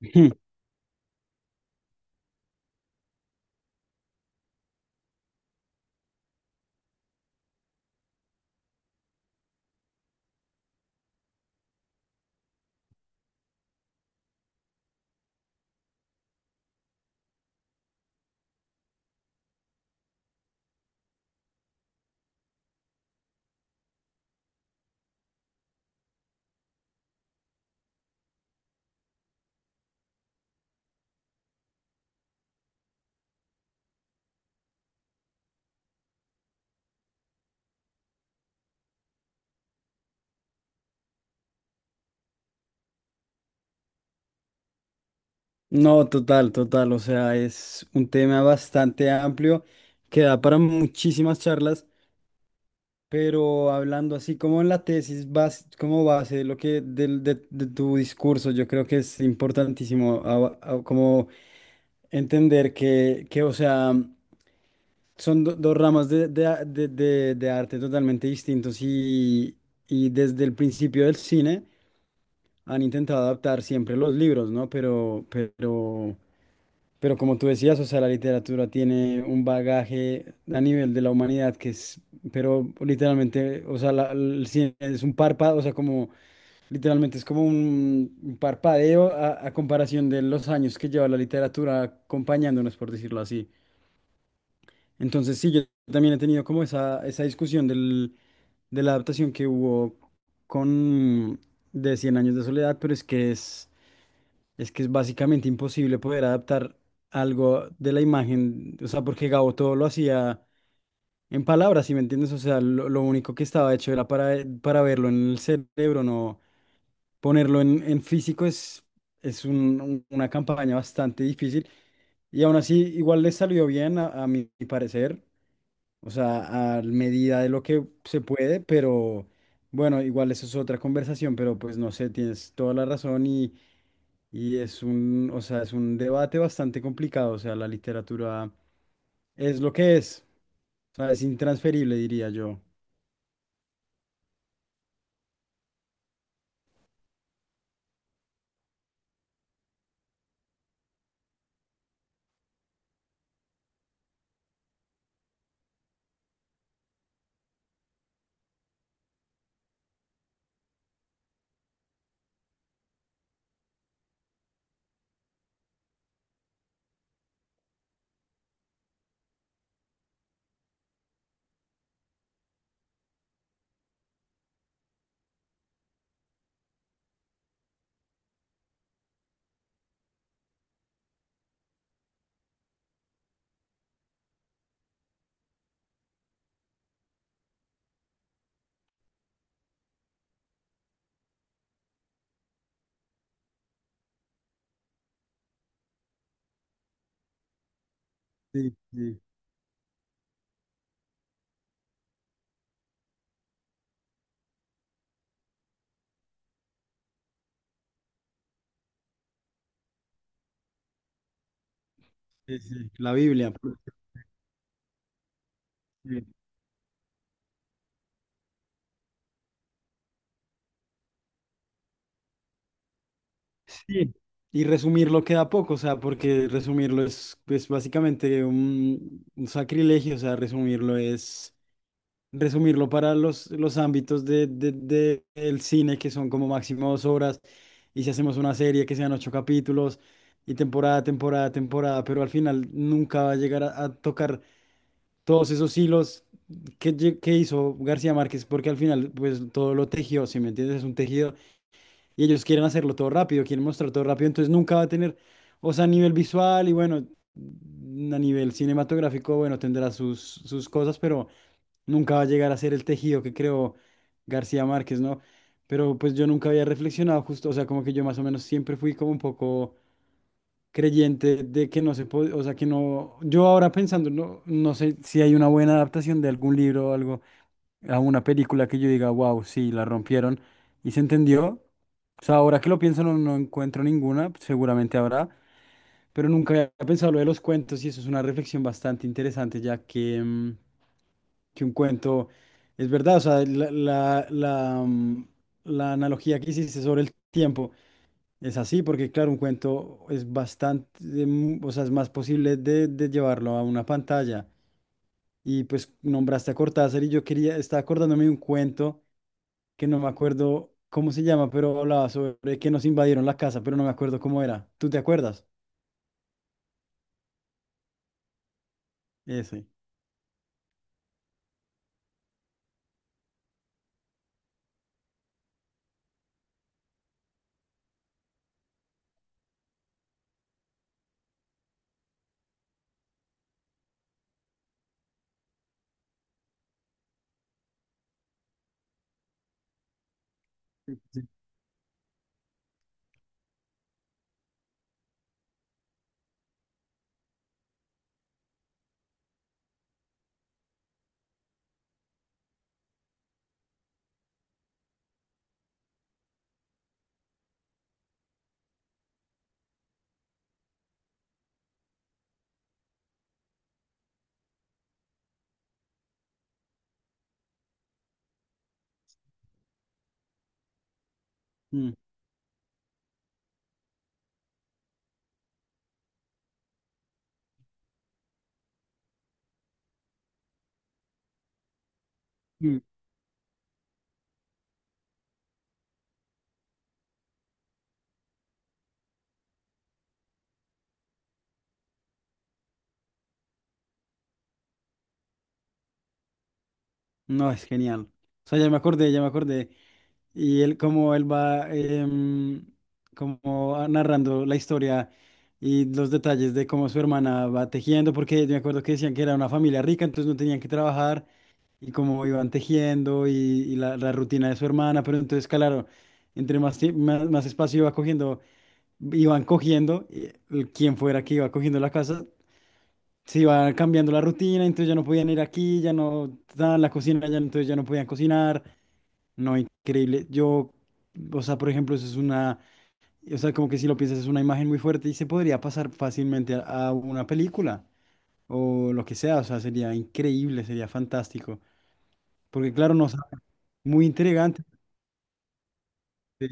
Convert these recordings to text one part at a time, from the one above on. Hmm, No, total, total. O sea, es un tema bastante amplio que da para muchísimas charlas, pero hablando así como en la tesis, como base, de lo que del- de tu discurso, yo creo que es importantísimo como entender que, o sea, son dos ramas de, a- de- de arte totalmente distintos y desde el principio del cine han intentado adaptar siempre los libros, ¿no? Pero como tú decías, o sea, la literatura tiene un bagaje a nivel de la humanidad que es, pero literalmente, o sea, el cine es un párpado, o sea, como literalmente es como un parpadeo a comparación de los años que lleva la literatura acompañándonos, por decirlo así. Entonces, sí, yo también he tenido como esa discusión de la adaptación que hubo con de Cien años de soledad, Es que es básicamente imposible poder adaptar algo de la imagen, o sea, porque Gabo todo lo hacía en palabras, ¿si me entiendes? O sea, lo único que estaba hecho era para verlo en el cerebro, no ponerlo en físico es una campaña bastante difícil y aún así igual le salió bien a mi parecer, o sea, a medida de lo que se puede, pero bueno, igual eso es otra conversación, pero pues no sé, tienes toda la razón y... Y es un, o sea, es un debate bastante complicado, o sea, la literatura es lo que es, o sea, es intransferible, diría yo. Sí, sí, sí, sí. La Biblia. Sí. Sí, y resumirlo queda poco, o sea, porque resumirlo es, pues, básicamente un sacrilegio, o sea, resumirlo es resumirlo para los ámbitos del cine, que son como máximo dos horas, y si hacemos una serie que sean ocho capítulos, y temporada, temporada, temporada, pero al final nunca va a llegar a tocar todos esos hilos que, que hizo García Márquez, porque al final pues todo lo tejió, si me entiendes, es un tejido, y ellos quieren hacerlo todo rápido, quieren mostrar todo rápido, entonces nunca va a tener, o sea, a nivel visual y bueno, a nivel cinematográfico, bueno, tendrá sus, sus cosas, pero... Nunca va a llegar a ser el tejido que creó García Márquez, ¿no? Pero pues yo nunca había reflexionado justo, o sea, como que yo más o menos siempre fui como un poco creyente de que no se puede, o sea, que no, yo ahora pensando, no, no sé si hay una buena adaptación de algún libro o algo a una película que yo diga, wow, sí, la rompieron y se entendió. O sea, ahora que lo pienso no, no encuentro ninguna, seguramente habrá, pero nunca había pensado lo de los cuentos y eso es una reflexión bastante interesante, ya que, que un cuento es verdad, o sea, la analogía que hiciste sobre el tiempo es así, porque claro, un cuento es bastante, o sea, es más posible de llevarlo a una pantalla y pues nombraste a Cortázar y yo quería, estaba acordándome de un cuento que no me acuerdo cómo se llama, pero hablaba sobre que nos invadieron la casa, pero no me acuerdo cómo era. ¿Tú te acuerdas? Ese. Sí. Mm. Mm. No, es genial. O sea, ya me acordé, ya me acordé. Y él, como él va como narrando la historia y los detalles de cómo su hermana va tejiendo, porque yo me acuerdo que decían que era una familia rica, entonces no tenían que trabajar y cómo iban tejiendo y, la rutina de su hermana, pero entonces, claro, entre más espacio iba cogiendo, iban cogiendo, y quien fuera que iba cogiendo la casa, se iba cambiando la rutina, entonces ya no podían ir aquí, ya no estaban en la cocina, ya, entonces ya no podían cocinar, no, increíble, yo, o sea, por ejemplo, eso es una, o sea, como que si lo piensas es una imagen muy fuerte y se podría pasar fácilmente a una película, o lo que sea, o sea, sería increíble, sería fantástico, porque claro, no, muy intrigante. Sí,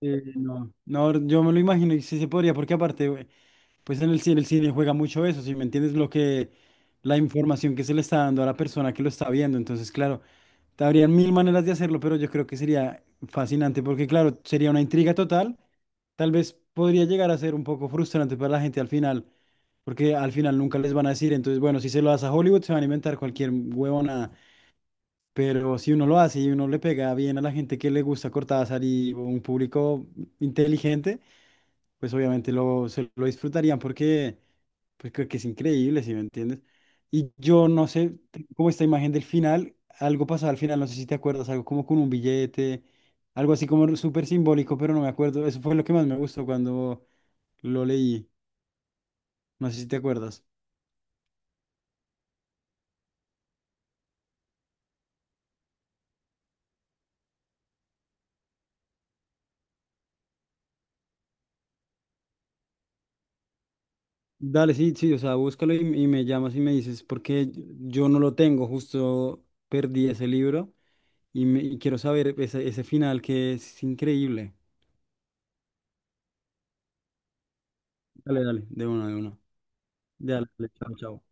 no, no, yo me lo imagino y sí se podría, porque aparte, güey, pues en el cine juega mucho eso, si me entiendes lo que, la información que se le está dando a la persona que lo está viendo, entonces, claro, habrían mil maneras de hacerlo, pero yo creo que sería fascinante, porque claro, sería una intriga total, tal vez podría llegar a ser un poco frustrante para la gente al final, porque al final nunca les van a decir, entonces, bueno, si se lo das a Hollywood, se van a inventar cualquier huevona. Pero si uno lo hace y uno le pega bien a la gente que le gusta Cortázar y un público inteligente, pues obviamente lo, se lo disfrutarían porque pues creo que es increíble, ¿si me entiendes? Y yo no sé, como esta imagen del final, algo pasaba al final, no sé si te acuerdas, algo como con un billete, algo así como súper simbólico, pero no me acuerdo. Eso fue lo que más me gustó cuando lo leí, no sé si te acuerdas. Dale, sí, sí, o sea, búscalo y me llamas y me dices, porque yo no lo tengo, justo perdí ese libro y, me, y quiero saber ese, ese final que es increíble. Dale, dale, de una, de una. Dale, dale, chao, chao.